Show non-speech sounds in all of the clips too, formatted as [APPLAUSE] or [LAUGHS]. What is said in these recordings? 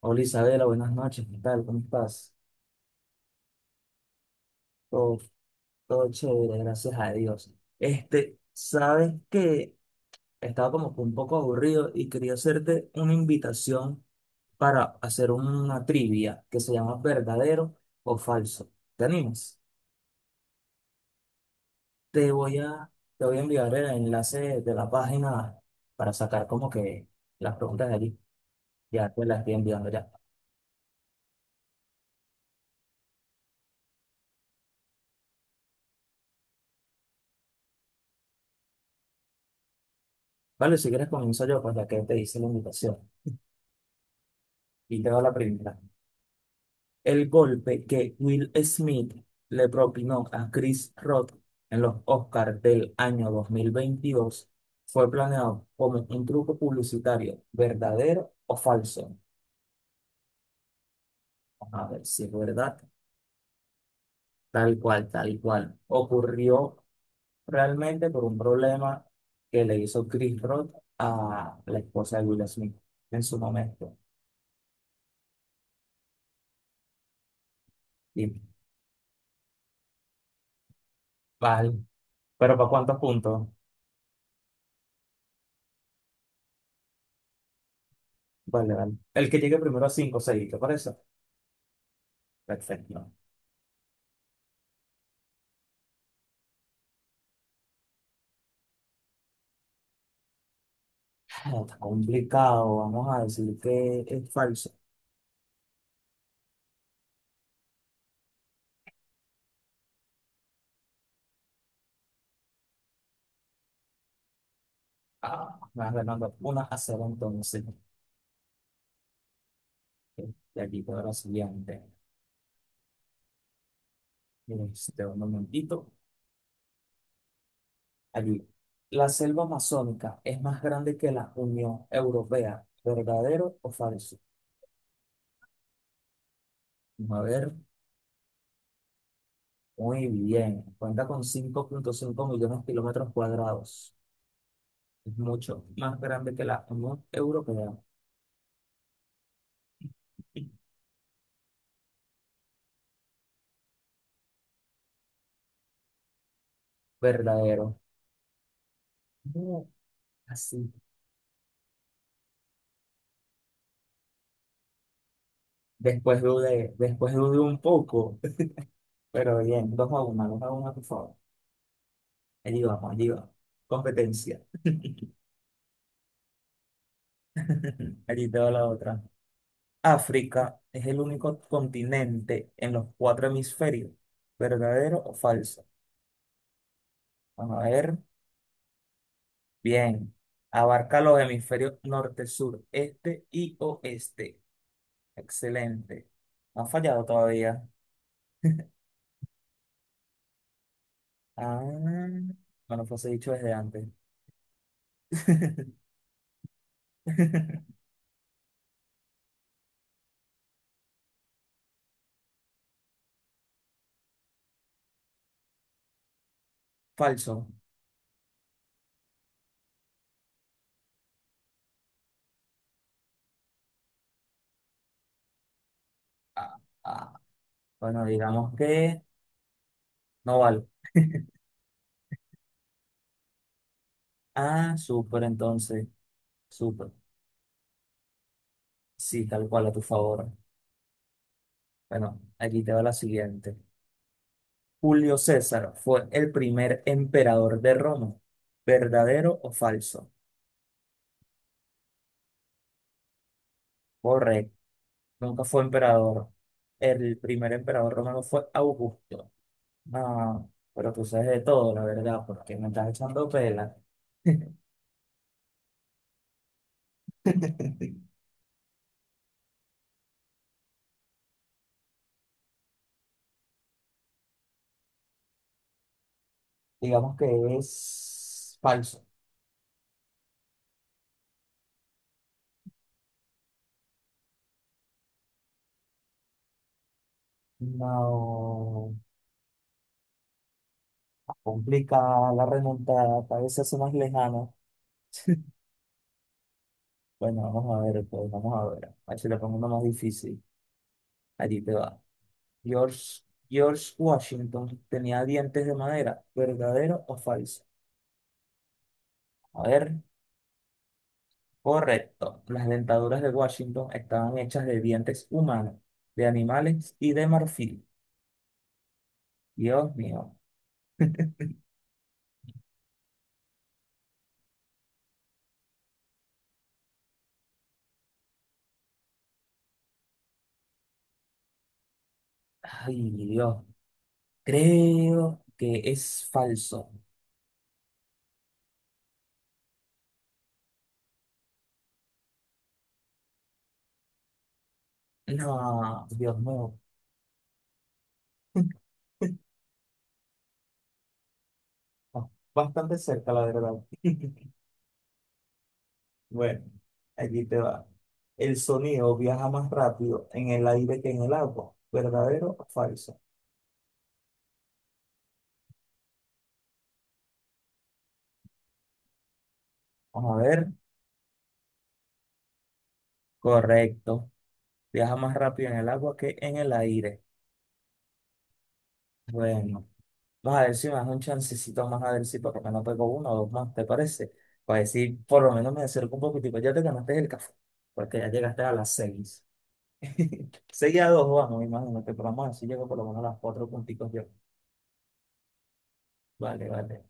Hola Isabela, buenas noches, ¿qué tal? ¿Cómo estás? Todo, todo chévere, gracias a Dios. Sabes que estaba como que un poco aburrido y quería hacerte una invitación para hacer una trivia que se llama verdadero o falso. ¿Te animas? Te voy a, Te voy a enviar el enlace de la página para sacar como que las preguntas de allí. Ya te las estoy enviando ya. Vale, si quieres comienzo yo, pues ya que te hice la invitación. Y te doy la primera. El golpe que Will Smith le propinó a Chris Rock en los Oscars del año 2022 fue planeado como un truco publicitario, verdadero o falso. A ver si es verdad, tal cual, tal cual. Ocurrió realmente por un problema que le hizo Chris Rock a la esposa de Will Smith en su momento. Y, vale, pero ¿para cuántos puntos? Vale, vale. El que llegue primero a 5, 6, ¿te parece? Perfecto. No, está complicado, vamos a decir que es falso. Ah, me vas ganando una a cero entonces. De aquí para la siguiente. Miren, un momentito. Allí. La selva amazónica es más grande que la Unión Europea. ¿Verdadero o falso? Vamos a ver, muy bien. Cuenta con cinco punto cinco millones de kilómetros cuadrados. Es mucho más grande que la Unión Europea. Verdadero. No, así. Después dudé un poco. Pero bien, dos a una, por favor. Allí vamos, allí vamos. Competencia. [LAUGHS] Allí te va la otra. África es el único continente en los cuatro hemisferios. ¿Verdadero o falso? Vamos a ver. Bien. Abarca los hemisferios norte, sur, este y oeste. Excelente. No ha fallado todavía. Ah, bueno, pues he dicho desde antes. [LAUGHS] Falso. Ah, ah. Bueno, digamos que no vale. Ah, súper, entonces, súper. Sí, tal cual, a tu favor. Bueno, aquí te va la siguiente. Julio César fue el primer emperador de Roma. ¿Verdadero o falso? Correcto. Nunca fue emperador. El primer emperador romano fue Augusto. No, pero tú sabes de todo, la verdad, porque me estás echando pela. [LAUGHS] Digamos que es falso. No. Complicada la remontada, cada vez se hace más lejana. [LAUGHS] Bueno, vamos a ver, pues vamos a ver. A ver si le pongo uno más difícil. Allí te va. George, George Washington tenía dientes de madera, ¿verdadero o falso? A ver, correcto. Las dentaduras de Washington estaban hechas de dientes humanos, de animales y de marfil. Dios mío. [LAUGHS] Ay, Dios. Creo que es falso. No, Dios mío. [LAUGHS] Ah, bastante cerca, la verdad. [LAUGHS] Bueno, allí te va. El sonido viaja más rápido en el aire que en el agua. ¿Verdadero o falso? Vamos a ver. Correcto. Viaja más rápido en el agua que en el aire. Bueno, vamos a ver si me das un chancecito más a ver si por lo menos pego uno o dos más, ¿te parece? Para decir, por lo menos me acerco un poquitico. Ya te ganaste el café, porque ya llegaste a las seis. [LAUGHS] Seis a dos, vamos, imagínate, pero vamos a ver si llego por lo menos a las cuatro puntitos yo. Vale, vale.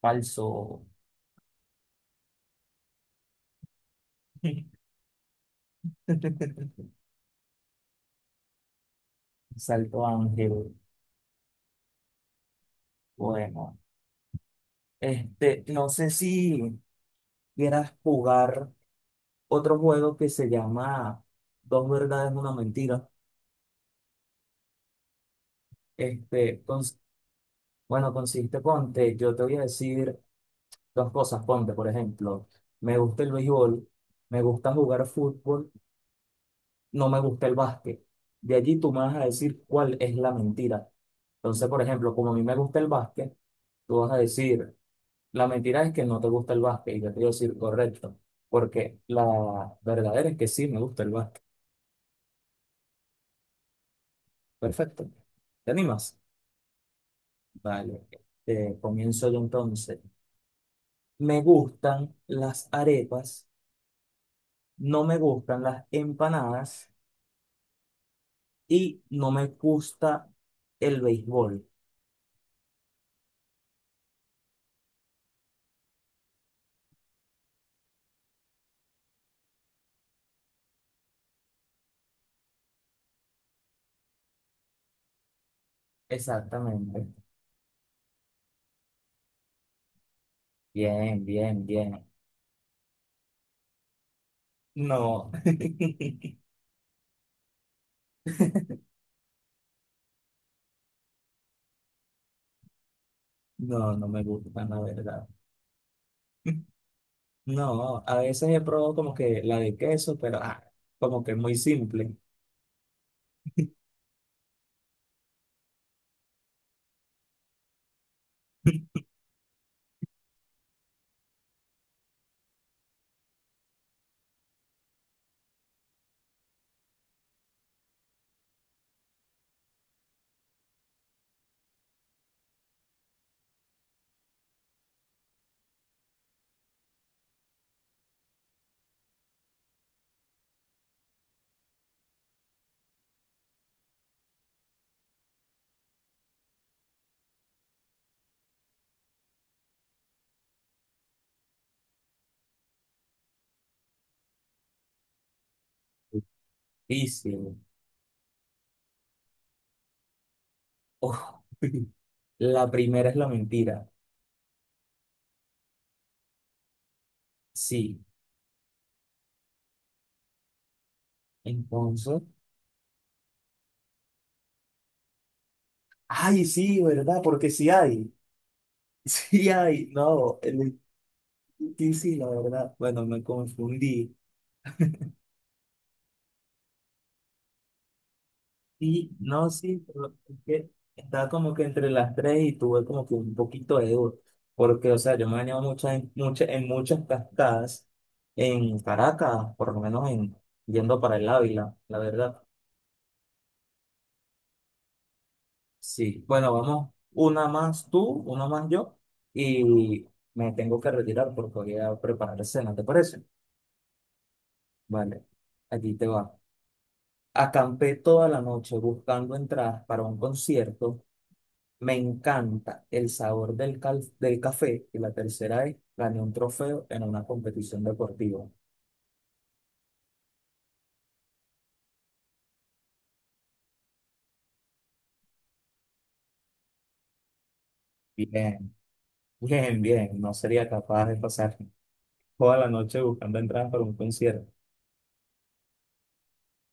Falso. [LAUGHS] Salto Ángel. Bueno, no sé si quieras jugar otro juego que se llama Dos verdades, una mentira. Este, cons- bueno, consiste, ponte, yo te voy a decir dos cosas, ponte, por ejemplo, me gusta el béisbol, me gusta jugar fútbol, no me gusta el básquet. De allí tú me vas a decir cuál es la mentira. Entonces, por ejemplo, como a mí me gusta el básquet, tú vas a decir... La mentira es que no te gusta el básquet, y yo te digo decir correcto, porque la verdadera es que sí me gusta el básquet. Perfecto. ¿Te animas? Vale. Comienzo yo entonces. Me gustan las arepas, no me gustan las empanadas y no me gusta el béisbol. Exactamente. Bien, bien, bien. No, [LAUGHS] no, no me gustan, la verdad. [LAUGHS] No, a veces he probado como que la de queso, pero como que muy simple. [LAUGHS] Difícil. Uf. [LAUGHS] La primera es la mentira. Sí. Entonces. Ay, sí, ¿verdad? Porque sí hay. [LAUGHS] Sí hay. No, el- sí, sí, la verdad. Bueno, me confundí. Sí, no, sí, pero es que estaba como que entre las tres y tuve como que un poquito de duda, porque, o sea, yo me he bañado muchas, en muchas cascadas en Caracas, por lo menos en, yendo para el Ávila, la verdad. Sí, bueno, vamos, una más tú, una más yo, y me tengo que retirar porque voy a preparar cena, ¿te parece? Vale, aquí te va. Acampé toda la noche buscando entradas para un concierto. Me encanta el sabor del café y la tercera es gané un trofeo en una competición deportiva. Bien, bien, bien. No sería capaz de pasar toda la noche buscando entradas para un concierto.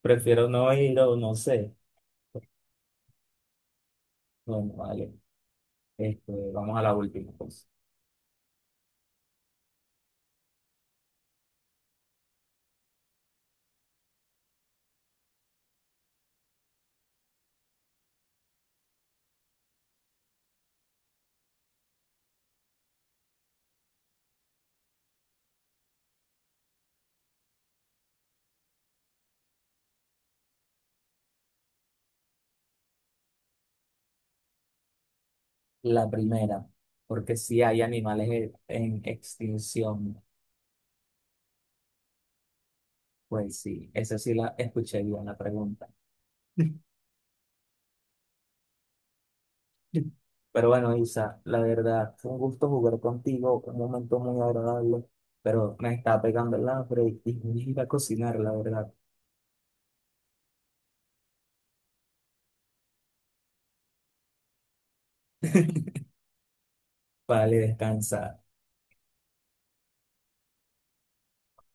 Prefiero no ir o no sé. Bueno, vale. Vamos a la última pues. La primera, porque si hay animales en extinción. Pues sí, esa sí la escuché bien la pregunta. [LAUGHS] Pero bueno, Isa, la verdad, fue un gusto jugar contigo, un momento muy agradable, pero me está pegando el hambre y voy a ir a cocinar, la verdad. Vale, descansa.